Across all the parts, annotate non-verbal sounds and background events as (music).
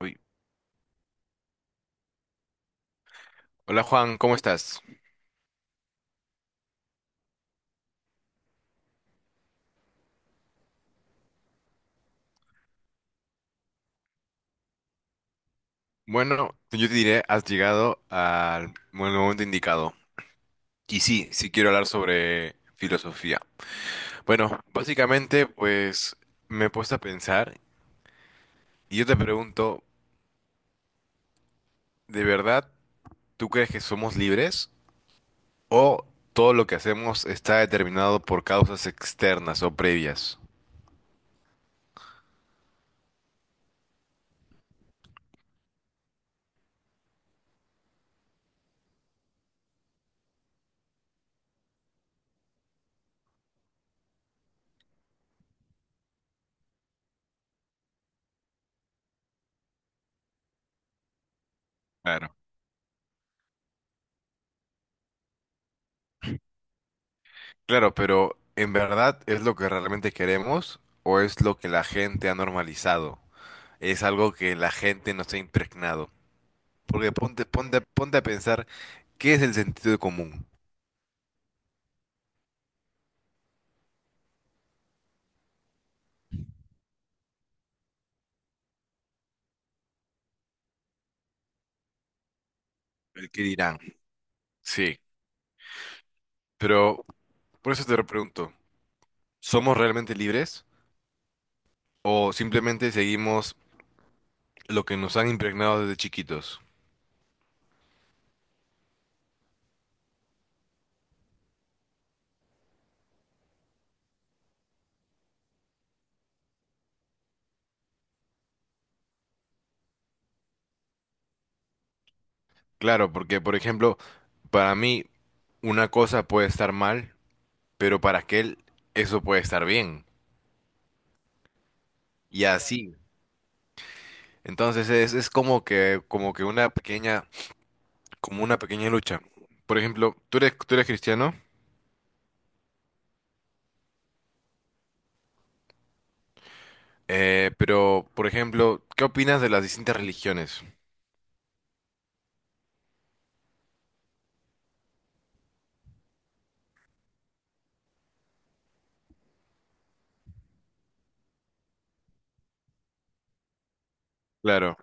Uy. Hola Juan, ¿cómo estás? Bueno, yo te diré, has llegado al buen momento indicado. Y sí, sí quiero hablar sobre filosofía. Bueno, básicamente, pues me he puesto a pensar y yo te pregunto, ¿de verdad tú crees que somos libres o todo lo que hacemos está determinado por causas externas o previas? Claro. Claro, pero ¿en verdad es lo que realmente queremos o es lo que la gente ha normalizado? Es algo que la gente no se ha impregnado. Porque ponte a pensar qué es el sentido común, el que dirán. Sí, pero por eso te lo pregunto, ¿somos realmente libres o simplemente seguimos lo que nos han impregnado desde chiquitos? Claro, porque por ejemplo, para mí una cosa puede estar mal, pero para aquel eso puede estar bien. Y así. Entonces es como que una pequeña como una pequeña lucha. Por ejemplo, tú eres cristiano, pero, por ejemplo, ¿qué opinas de las distintas religiones? Claro.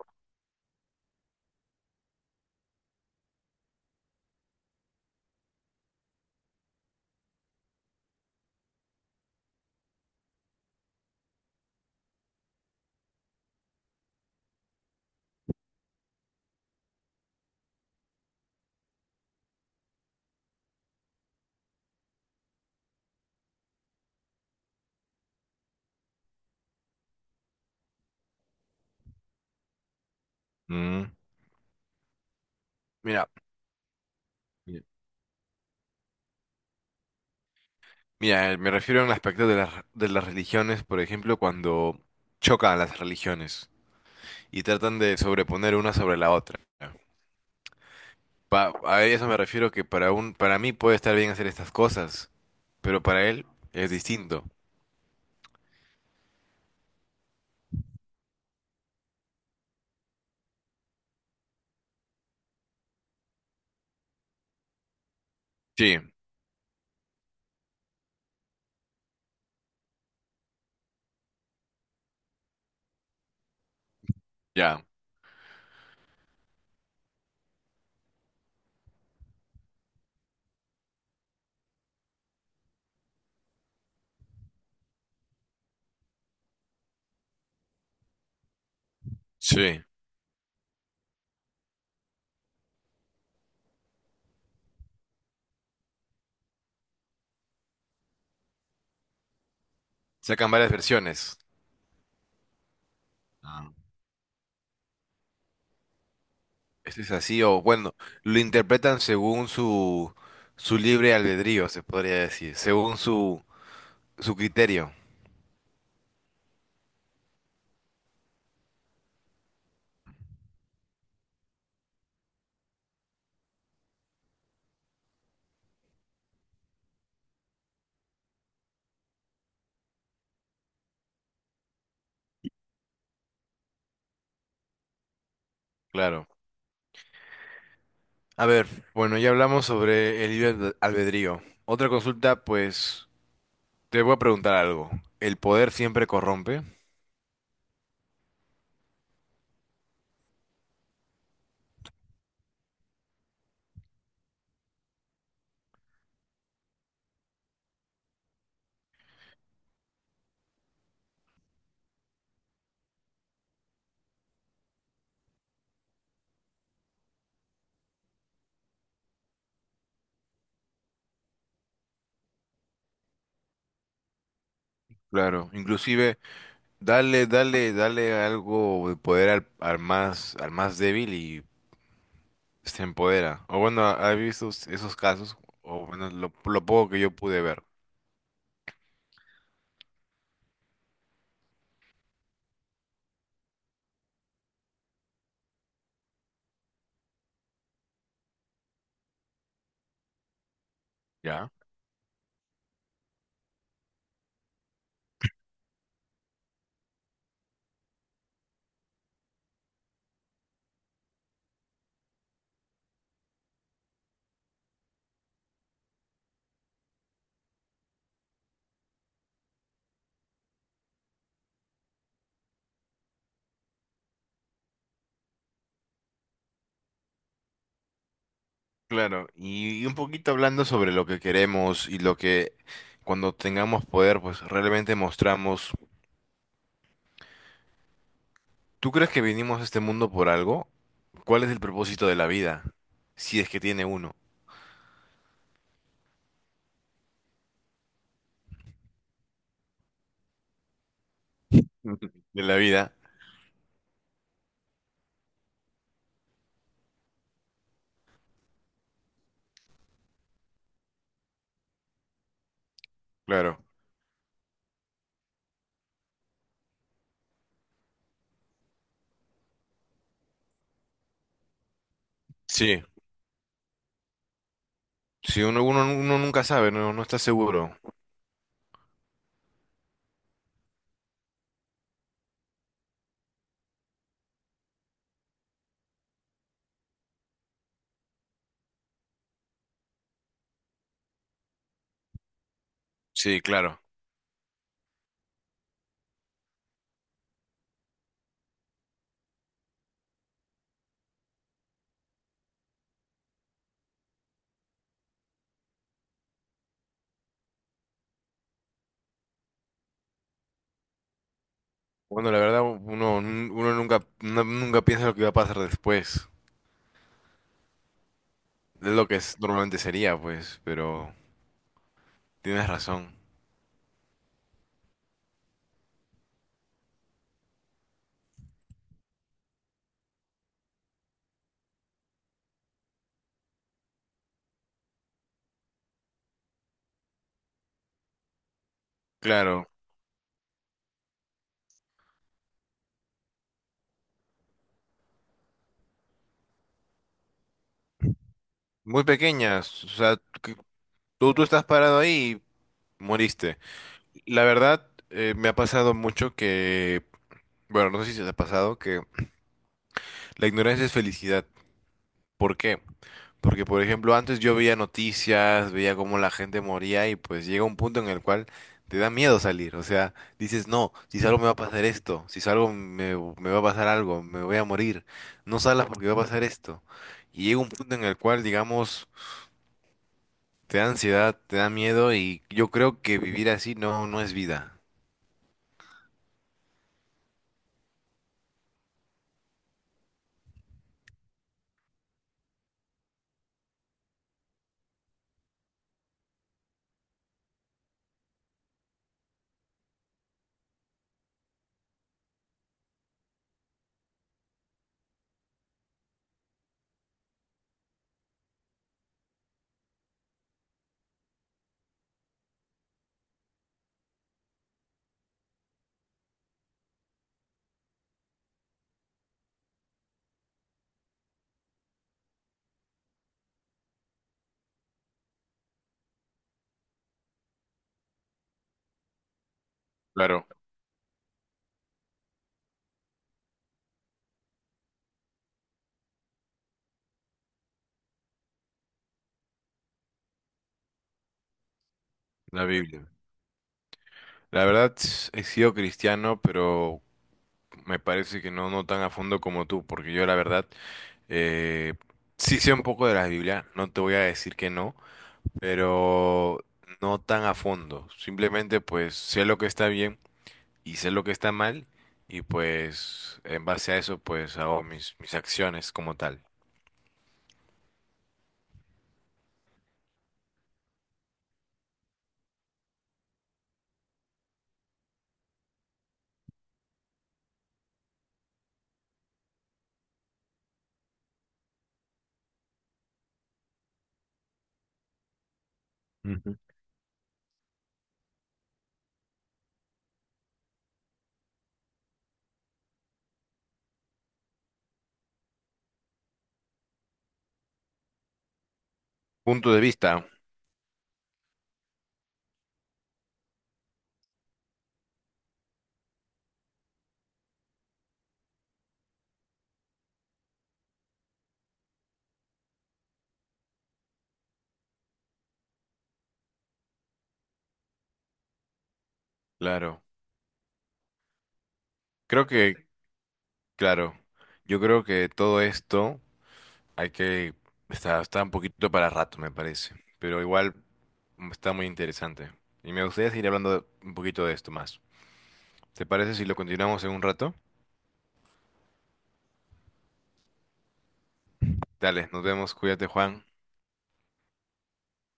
Mm. Mira, mira, me refiero al aspecto de las religiones, por ejemplo, cuando chocan las religiones y tratan de sobreponer una sobre la otra. A eso me refiero que para para mí puede estar bien hacer estas cosas, pero para él es distinto. Sí, ya, sí. Sacan varias versiones. Ah. Este es así, o bueno, lo interpretan según su libre albedrío, se podría decir, según su criterio, claro. A ver, bueno, ya hablamos sobre el libre albedrío. Otra consulta, pues, te voy a preguntar algo. ¿El poder siempre corrompe? Claro, inclusive, dale algo de poder al más débil y se empodera. O bueno, ¿has visto esos casos? O bueno, lo poco que yo pude ver. ¿Ya? Claro, y un poquito hablando sobre lo que queremos y lo que cuando tengamos poder, pues realmente mostramos. ¿Tú crees que vinimos a este mundo por algo? ¿Cuál es el propósito de la vida? Si es que tiene uno. (laughs) De la vida, claro. Sí, sí, uno nunca sabe, no, no está seguro. Sí, claro. Bueno, la verdad, uno nunca, nunca piensa lo que va a pasar después. Es lo que normalmente sería, pues, pero tienes razón. Claro, muy pequeñas, o sea, tú estás parado ahí y moriste. La verdad, me ha pasado mucho que, bueno, no sé si te ha pasado, que la ignorancia es felicidad. ¿Por qué? Porque, por ejemplo, antes yo veía noticias, veía cómo la gente moría y pues llega un punto en el cual te da miedo salir. O sea, dices, no, si salgo me va a pasar esto, si salgo me va a pasar algo, me voy a morir, no salas porque va a pasar esto. Y llega un punto en el cual, digamos, te da ansiedad, te da miedo y yo creo que vivir así no, no es vida. Claro, la Biblia. La verdad, he sido cristiano, pero me parece que no, no tan a fondo como tú, porque yo la verdad eh, sí sé un poco de la Biblia, no te voy a decir que no, pero no tan a fondo. Simplemente pues sé lo que está bien y sé lo que está mal y pues en base a eso pues hago mis acciones como tal. Ujú. Punto de vista, claro. Creo que, claro, yo creo que todo esto... Hay que... Está un poquito para rato, me parece. Pero igual mm, está muy interesante. Y me gustaría seguir hablando un poquito de esto más. ¿Te parece si lo continuamos en un rato? Dale, nos vemos. Cuídate, Juan.